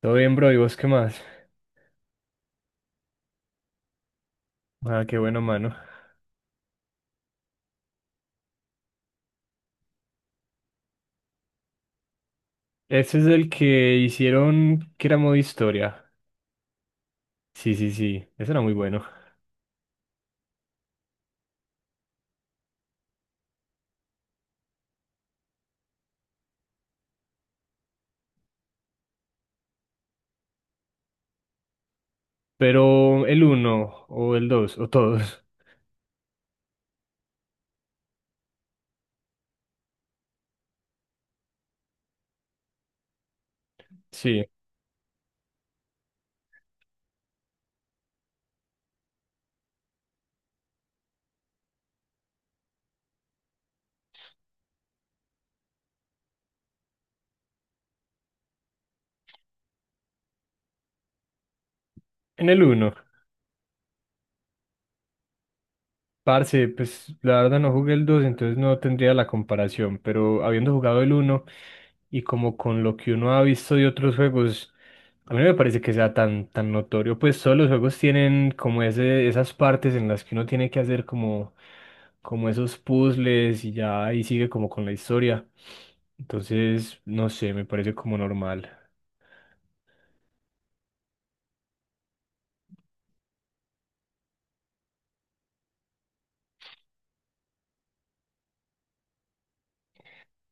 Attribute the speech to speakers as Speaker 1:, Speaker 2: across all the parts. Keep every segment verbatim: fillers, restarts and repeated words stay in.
Speaker 1: Todo bien, bro, ¿y vos qué más? Ah, qué bueno, mano. Ese es el que hicieron que era modo historia. Sí, sí, sí, ese era muy bueno. Pero el uno, o el dos, o todos. Sí, en el uno. Parce, pues la verdad no jugué el dos, entonces no tendría la comparación, pero habiendo jugado el uno y como con lo que uno ha visto de otros juegos, a mí no me parece que sea tan, tan notorio, pues todos los juegos tienen como ese, esas partes en las que uno tiene que hacer como, como esos puzzles y ya ahí sigue como con la historia. Entonces, no sé, me parece como normal.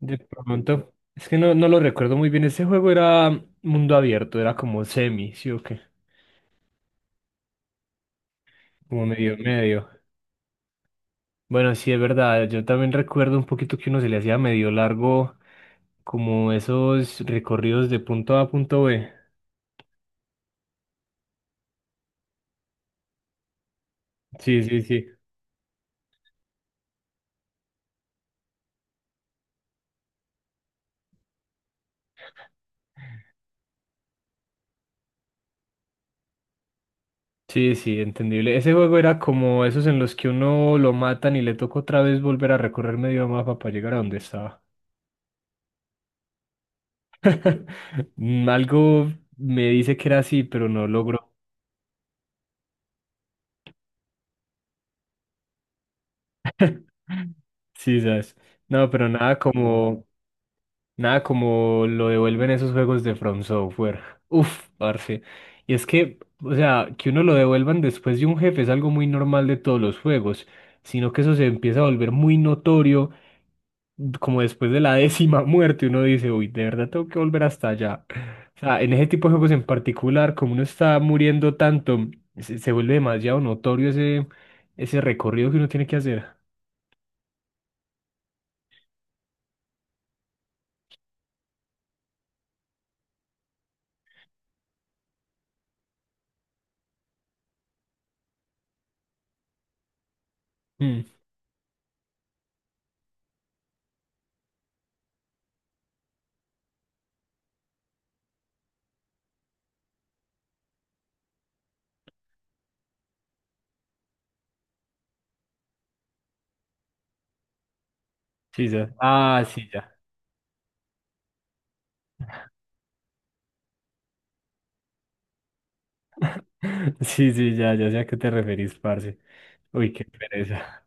Speaker 1: De pronto, es que no, no lo recuerdo muy bien, ese juego era mundo abierto, era como semi, ¿sí o qué? Como medio medio. Bueno, sí, es verdad, yo también recuerdo un poquito que uno se le hacía medio largo como esos recorridos de punto A a punto B. Sí, sí, sí. Sí, sí, entendible. Ese juego era como esos en los que uno lo matan y le toca otra vez volver a recorrer medio mapa para llegar a donde estaba. Mm, algo me dice que era así, pero no logró. Sí, sabes. No, pero nada como, nada como lo devuelven esos juegos de From Software. Uf, parce. Y es que, o sea, que uno lo devuelvan después de un jefe es algo muy normal de todos los juegos, sino que eso se empieza a volver muy notorio como después de la décima muerte, uno dice, uy, de verdad tengo que volver hasta allá. O sea, en ese tipo de juegos en particular, como uno está muriendo tanto, se, se vuelve demasiado notorio ese, ese recorrido que uno tiene que hacer. Mm, sí, ya. Ah, sí, ya. Sí, sí, ya, ya sé a qué te referís, parce. Uy, qué pereza.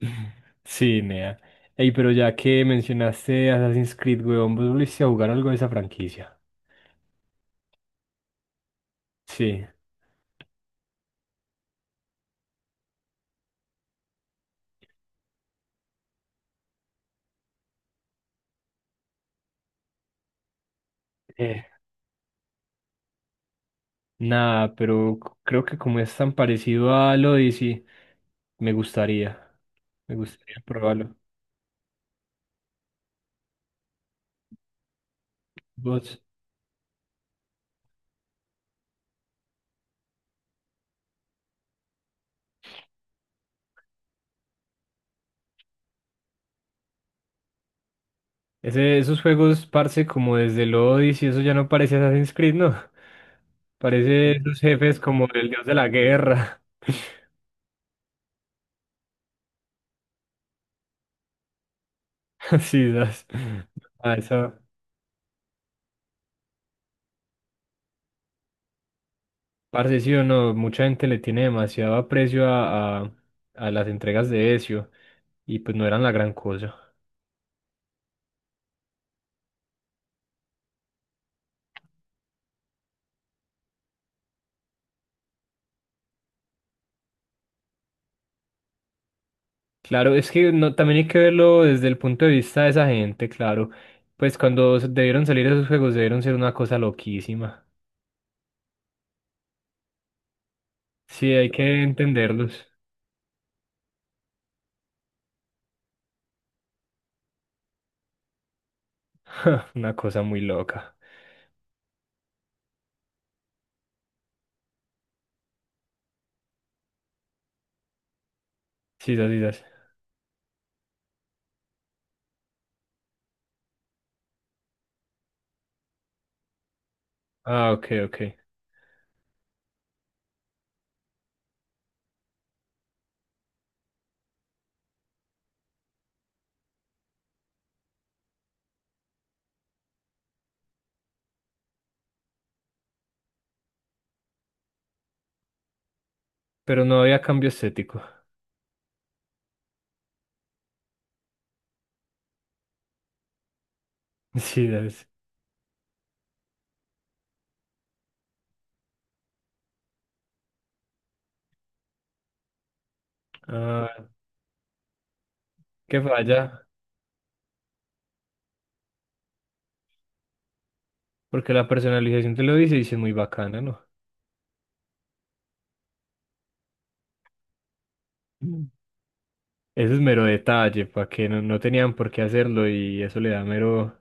Speaker 1: Sí, nea. Ey, pero ya que mencionaste Assassin's Creed, weón, ¿vos volviste a jugar algo de esa franquicia? Sí. Nada, pero c- creo que como es tan parecido al Odyssey, me gustaría. Me gustaría probarlo. Vos, ese, esos juegos, parce, como desde el Odyssey, eso ya no parece Assassin's Creed, ¿no? Parece esos jefes como el dios de la guerra. Así, das. A esa, parce, sí o no, mucha gente le tiene demasiado aprecio a, a, a las entregas de Ezio, y pues no eran la gran cosa. Claro, es que no, también hay que verlo desde el punto de vista de esa gente, claro. Pues cuando se- debieron salir esos juegos debieron ser una cosa loquísima. Sí, hay que entenderlos. Una cosa muy loca. Sí, sí, sí. Sí. Ah, ok, ok. Pero no había cambio estético. Sí, das. Ah, qué falla. Porque la personalización te lo dice y sí es muy bacana, ¿no? Eso es mero detalle, para que no, no tenían por qué hacerlo y eso le da mero,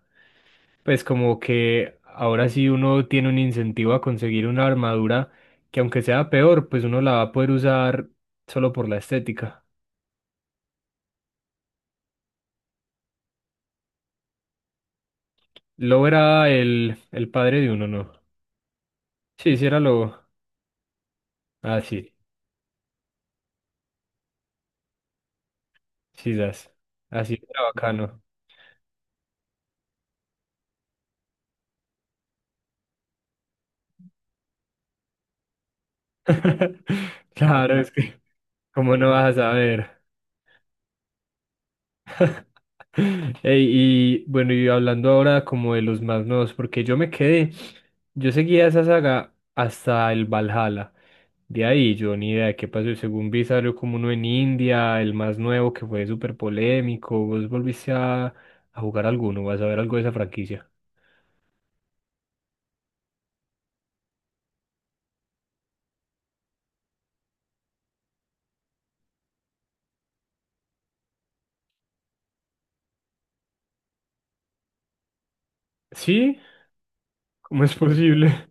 Speaker 1: pues como que ahora sí uno tiene un incentivo a conseguir una armadura que aunque sea peor, pues uno la va a poder usar solo por la estética. Lobo era el, el padre de uno, ¿no? Sí, sí era Lobo. Ah, sí, sí, das. Así era bacano. Claro, es que, ¿cómo no vas a saber? Ey, y bueno, y hablando ahora como de los más nuevos, porque yo me quedé, yo seguía esa saga hasta el Valhalla. De ahí yo ni idea de qué pasó. Según vi, salió como uno en India, el más nuevo que fue súper polémico. ¿Vos volviste a, a jugar alguno? ¿Vas a ver algo de esa franquicia? ¿Sí? ¿Cómo es posible?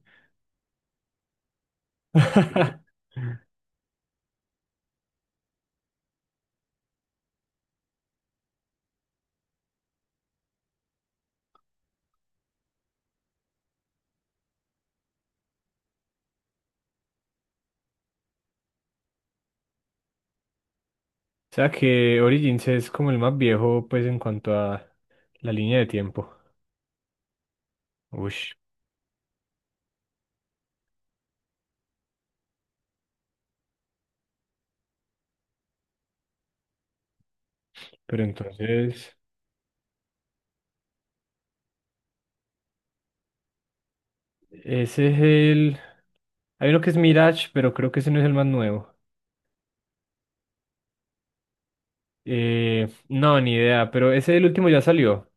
Speaker 1: O sea que Origins es como el más viejo, pues en cuanto a la línea de tiempo. Uy, pero entonces. Ese es el... Hay uno que es Mirage, pero creo que ese no es el más nuevo. Eh, no, ni idea, pero ese el último ya salió.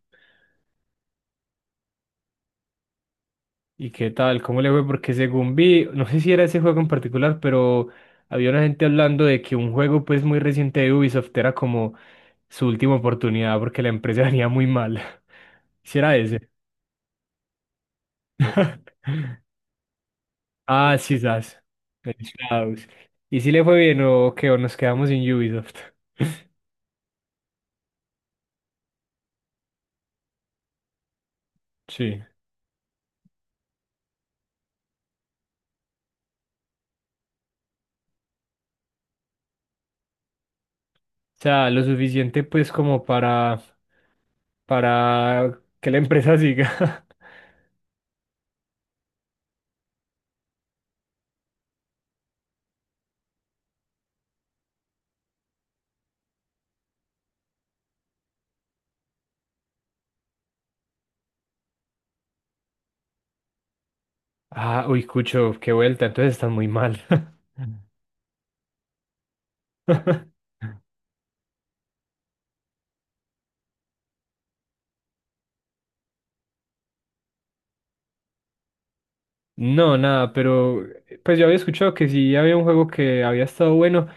Speaker 1: ¿Y qué tal? ¿Cómo le fue? Porque según vi, no sé si era ese juego en particular, pero había una gente hablando de que un juego pues muy reciente de Ubisoft era como su última oportunidad porque la empresa venía muy mal. Si era ese. Ah, sí, sas. El Shadows. ¿Y si le fue bien o qué? ¿O nos quedamos sin Ubisoft? Sí. O sea, lo suficiente pues como para para que la empresa siga. Ah, uy, Cucho, qué vuelta, entonces están muy mal. No, nada, pero eh, pues yo había escuchado que sí había un juego que había estado bueno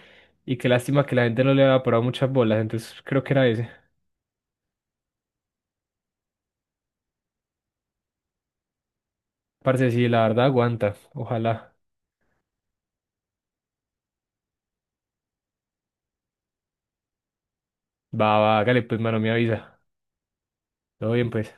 Speaker 1: y qué lástima que la gente no le había parado muchas bolas, entonces creo que era ese. Parce, sí, la verdad aguanta, ojalá. Va, va, hágale, pues, mano, me avisa. Todo bien, pues.